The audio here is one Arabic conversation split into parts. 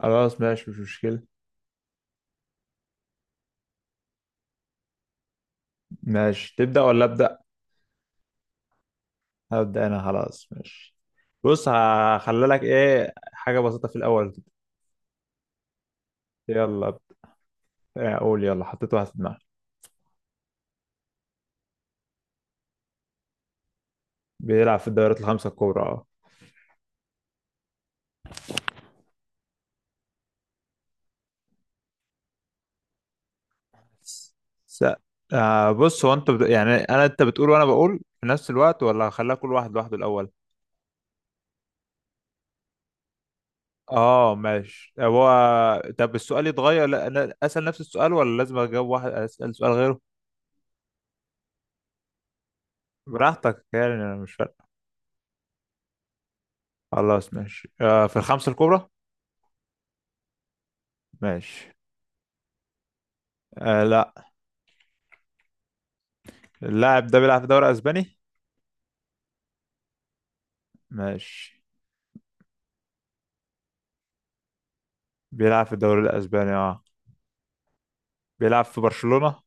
خلاص ماشي مش مشكلة. ماشي، تبدأ ولا أبدأ؟ هبدأ أنا. خلاص ماشي. بص، هخلي لك حاجة بسيطة في الأول كده. يلا ب- قول يلا حطيت واحد في دماغي بيلعب في الدوريات الخمسة الكبرى، أه. س- بص، هو يعني أنا، أنت بتقول وأنا بقول في نفس الوقت ولا هخليها كل واحد لوحده الأول؟ أه ماشي. هو طب السؤال يتغير لا أنا أسأل نفس السؤال ولا لازم أجاوب واحد أسأل سؤال غيره؟ براحتك، يعني أنا مش فارق. خلاص ماشي. في الخمسة الكبرى؟ ماشي. آه، لا. اللاعب ده بيلعب في الدوري الاسباني. ماشي. بيلعب في الدوري الاسباني، اه. بيلعب في برشلونة.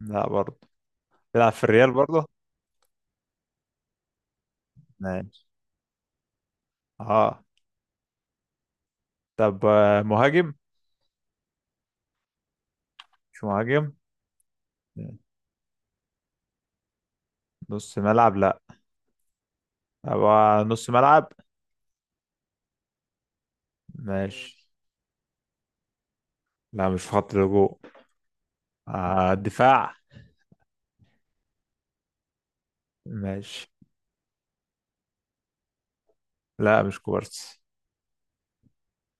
لا برضه. بيلعب في الريال برضه. ماشي، اه. طب مهاجم. مش مهاجم. نص ملعب لا. طب نص ملعب. ماشي. لا مش في خط الهجوم. آه، دفاع. ماشي. لا مش كوبارسي.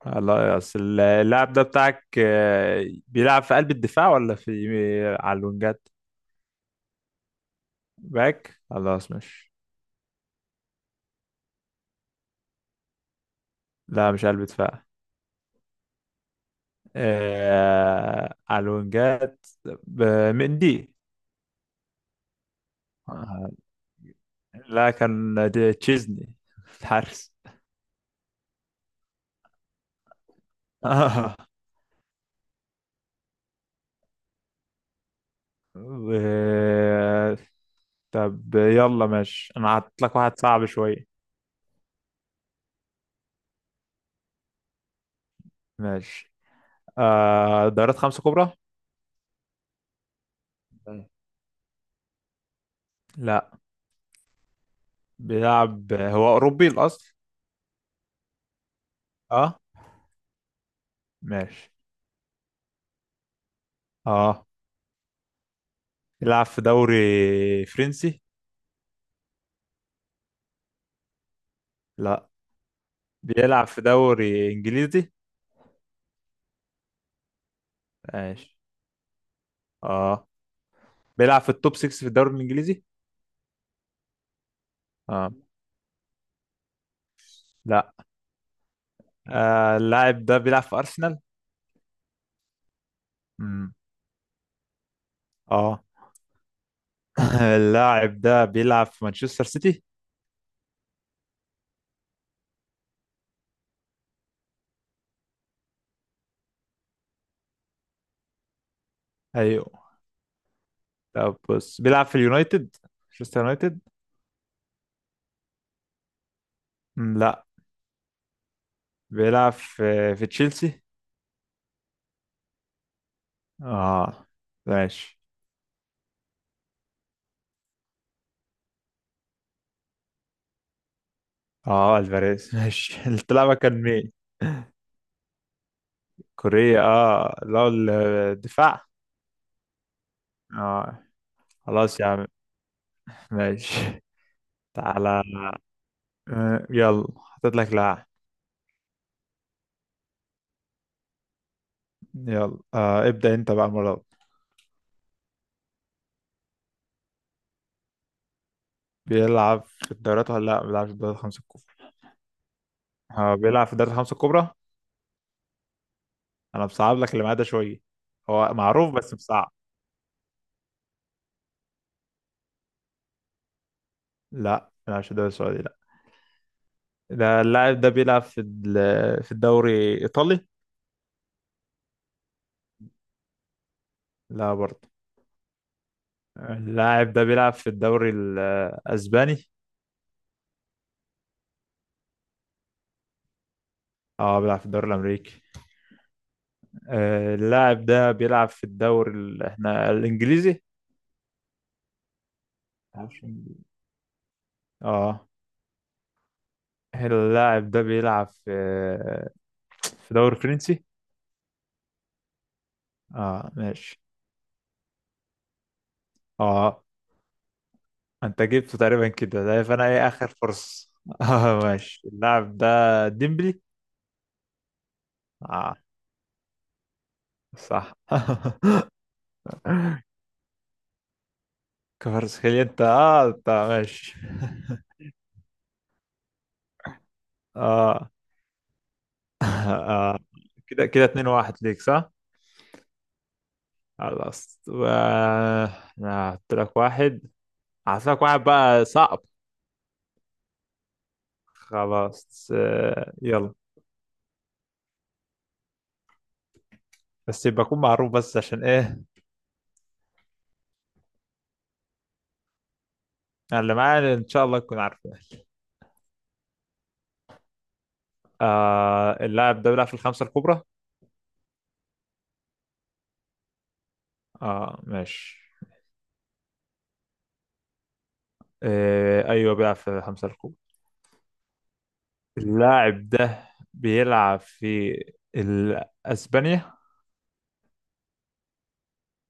لا، اصل اللاعب ده بتاعك بيلعب في قلب الدفاع ولا في على الوينجات؟ باك خلاص ماشي. لا مش قلب دفاع. على الوينجات. ب- مندي. آه، لكن دي تشيزني، الحارس. آه. و- طب يلا ماشي، انا هحط لك واحد صعب شوية. ماشي. دوريات خمسة كبرى. تمام. لا. بيلعب، هو أوروبي الأصل. اه. ماشي. اه بيلعب في دوري فرنسي. لا، بيلعب في دوري إنجليزي. ماشي، اه. بيلعب في التوب 6 في الدوري الانجليزي، اه. لا. آه، اللاعب ده بيلعب في ارسنال. مم. اه. اللاعب ده بيلعب في مانشستر سيتي. ايوه. طب بص، بيلعب في اليونايتد، مانشستر يونايتد. مم، لا. بيلعب في تشيلسي. اه، ماشي. اه، الفاريز ماشي. اللاعب كان مين؟ كوريا. اه، لا. الدفاع. اه. خلاص يا عم. ماشي. تعالى. يلا حطيت لك لاعب. يلا ابدأ انت بقى المرة. بيلعب في الدوريات ولا لا؟ ما بيلعبش في الدوريات الخمسة الكبرى. هو بيلعب في الدوريات الخمسة الكبرى. انا بصعب لك اللي معاه ده شوية. هو معروف بس مصعب. لا ما بيلعبش في الدوري السعودي لا. ده اللاعب ده بيلعب في في الدوري الإيطالي. لا برضه. اللاعب ده بيلعب في الدوري الأسباني. اه بيلعب في الدوري الأمريكي. اللاعب ده بيلعب في الدوري احنا الإنجليزي. بيلعبش إنجليزي. اه. اللاعب ده بيلعب في دوري فرنسي. اه، ماشي. اه انت جبته تقريبا كده، ده فانا ايه اخر فرصة. اه، ماشي. اللاعب ده ديمبلي. اه صح. كفارسخيليا انت. اه انت ماشي. اه. كده كده اتنين واحد ليك صح؟ خلاص. أنا هحط لك واحد هحط لك واحد بقى صعب. خلاص يلا. بس يبقى يكون معروف، بس عشان ايه. أنا اللي معايا ان شاء الله تكون عارفه. آه اللاعب ده بيلعب في الخمسة الكبرى. اه ماشي. ايوه بيلعب في خمسة الكبرى. اللاعب ده بيلعب في اسبانيا.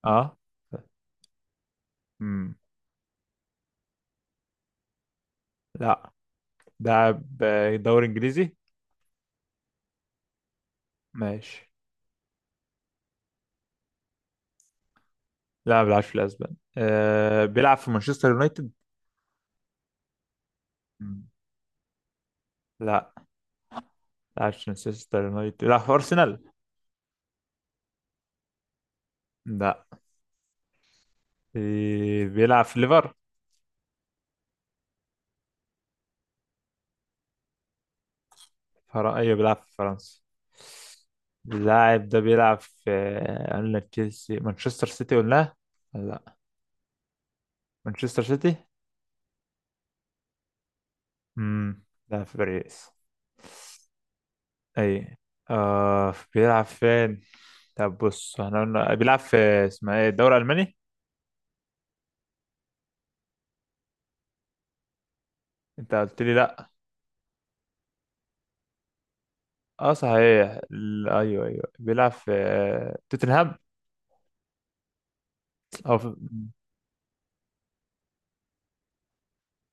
اه. امم. لا. لاعب دوري انجليزي. ماشي. لا ما بيلعبش في الاسبان. آه بيلعب في مانشستر يونايتد. مم. لا ما بيلعبش في مانشستر يونايتد، بيلعب في ارسنال. لا. بيلعب في ايوه بيلعب في فرنسا. اللاعب ده بيلعب في قلنا تشيلسي مانشستر سيتي ولا؟ لا، مانشستر سيتي. امم. لا في باريس. اي. آه، بيلعب فين؟ طب بص، احنا قلنا بيلعب في، اسمها ايه، الدوري الالماني. انت قلت لي لا. اه صحيح. ايوه، ايوه بيلعب في توتنهام. او في...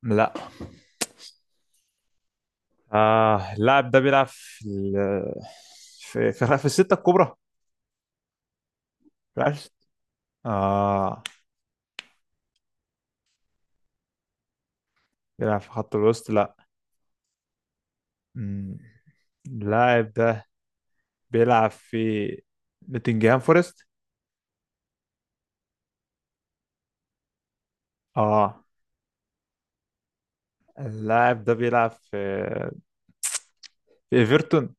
لا. اه اللاعب ده بيلعب في في الستة الكبرى. بيلعب اه بيلعب في خط الوسط لا. مم. اللاعب ده بيلعب في نوتنجهام فورست. اه اللاعب ده بيلعب في ايفرتون.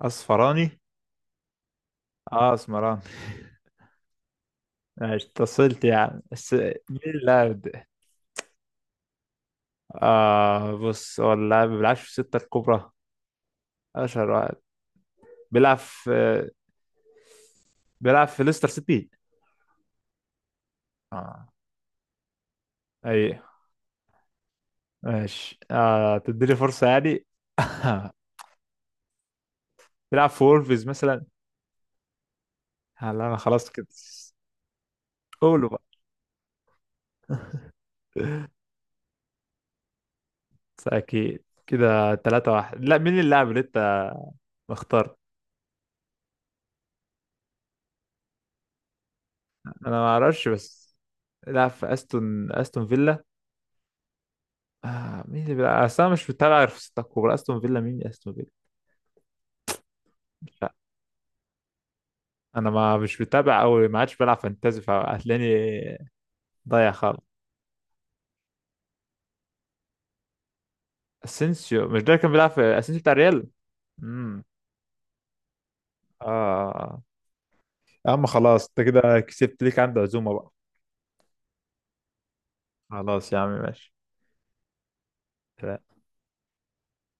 اصفراني. اه اسمراني ماشي. اتصلت يعني بس. مين اللاعب ده؟ آه بص، هو اللاعب ما بيلعبش في الستة الكبرى، اشهر واحد. بيلعب في بيلعب في ليستر سيتي. اه. اي ماشي. تديني فرصة يعني؟ بيلعب في وولفز مثلا. لا انا خلاص كده. قولوا بقى. بس اكيد كده تلاتة واحد، لا؟ مين اللاعب اللي انت مختار؟ انا ما اعرفش بس. لا، في استون، استون فيلا. مين اللي بيلعب؟ اصل انا مش متابع غير في ستة كوره. استون فيلا مين؟ استون فيلا. لا انا ما مش متابع قوي. ما عادش بلعب فانتازي فهتلاقيني ضايع خالص. اسينسيو؟ مش ده اللي كان بيلعب في، اسينسيو بتاع ريال. امم. اه. يا عم خلاص، انت كده كسبت ليك عندي عزومة بقى. خلاص يا عم ماشي.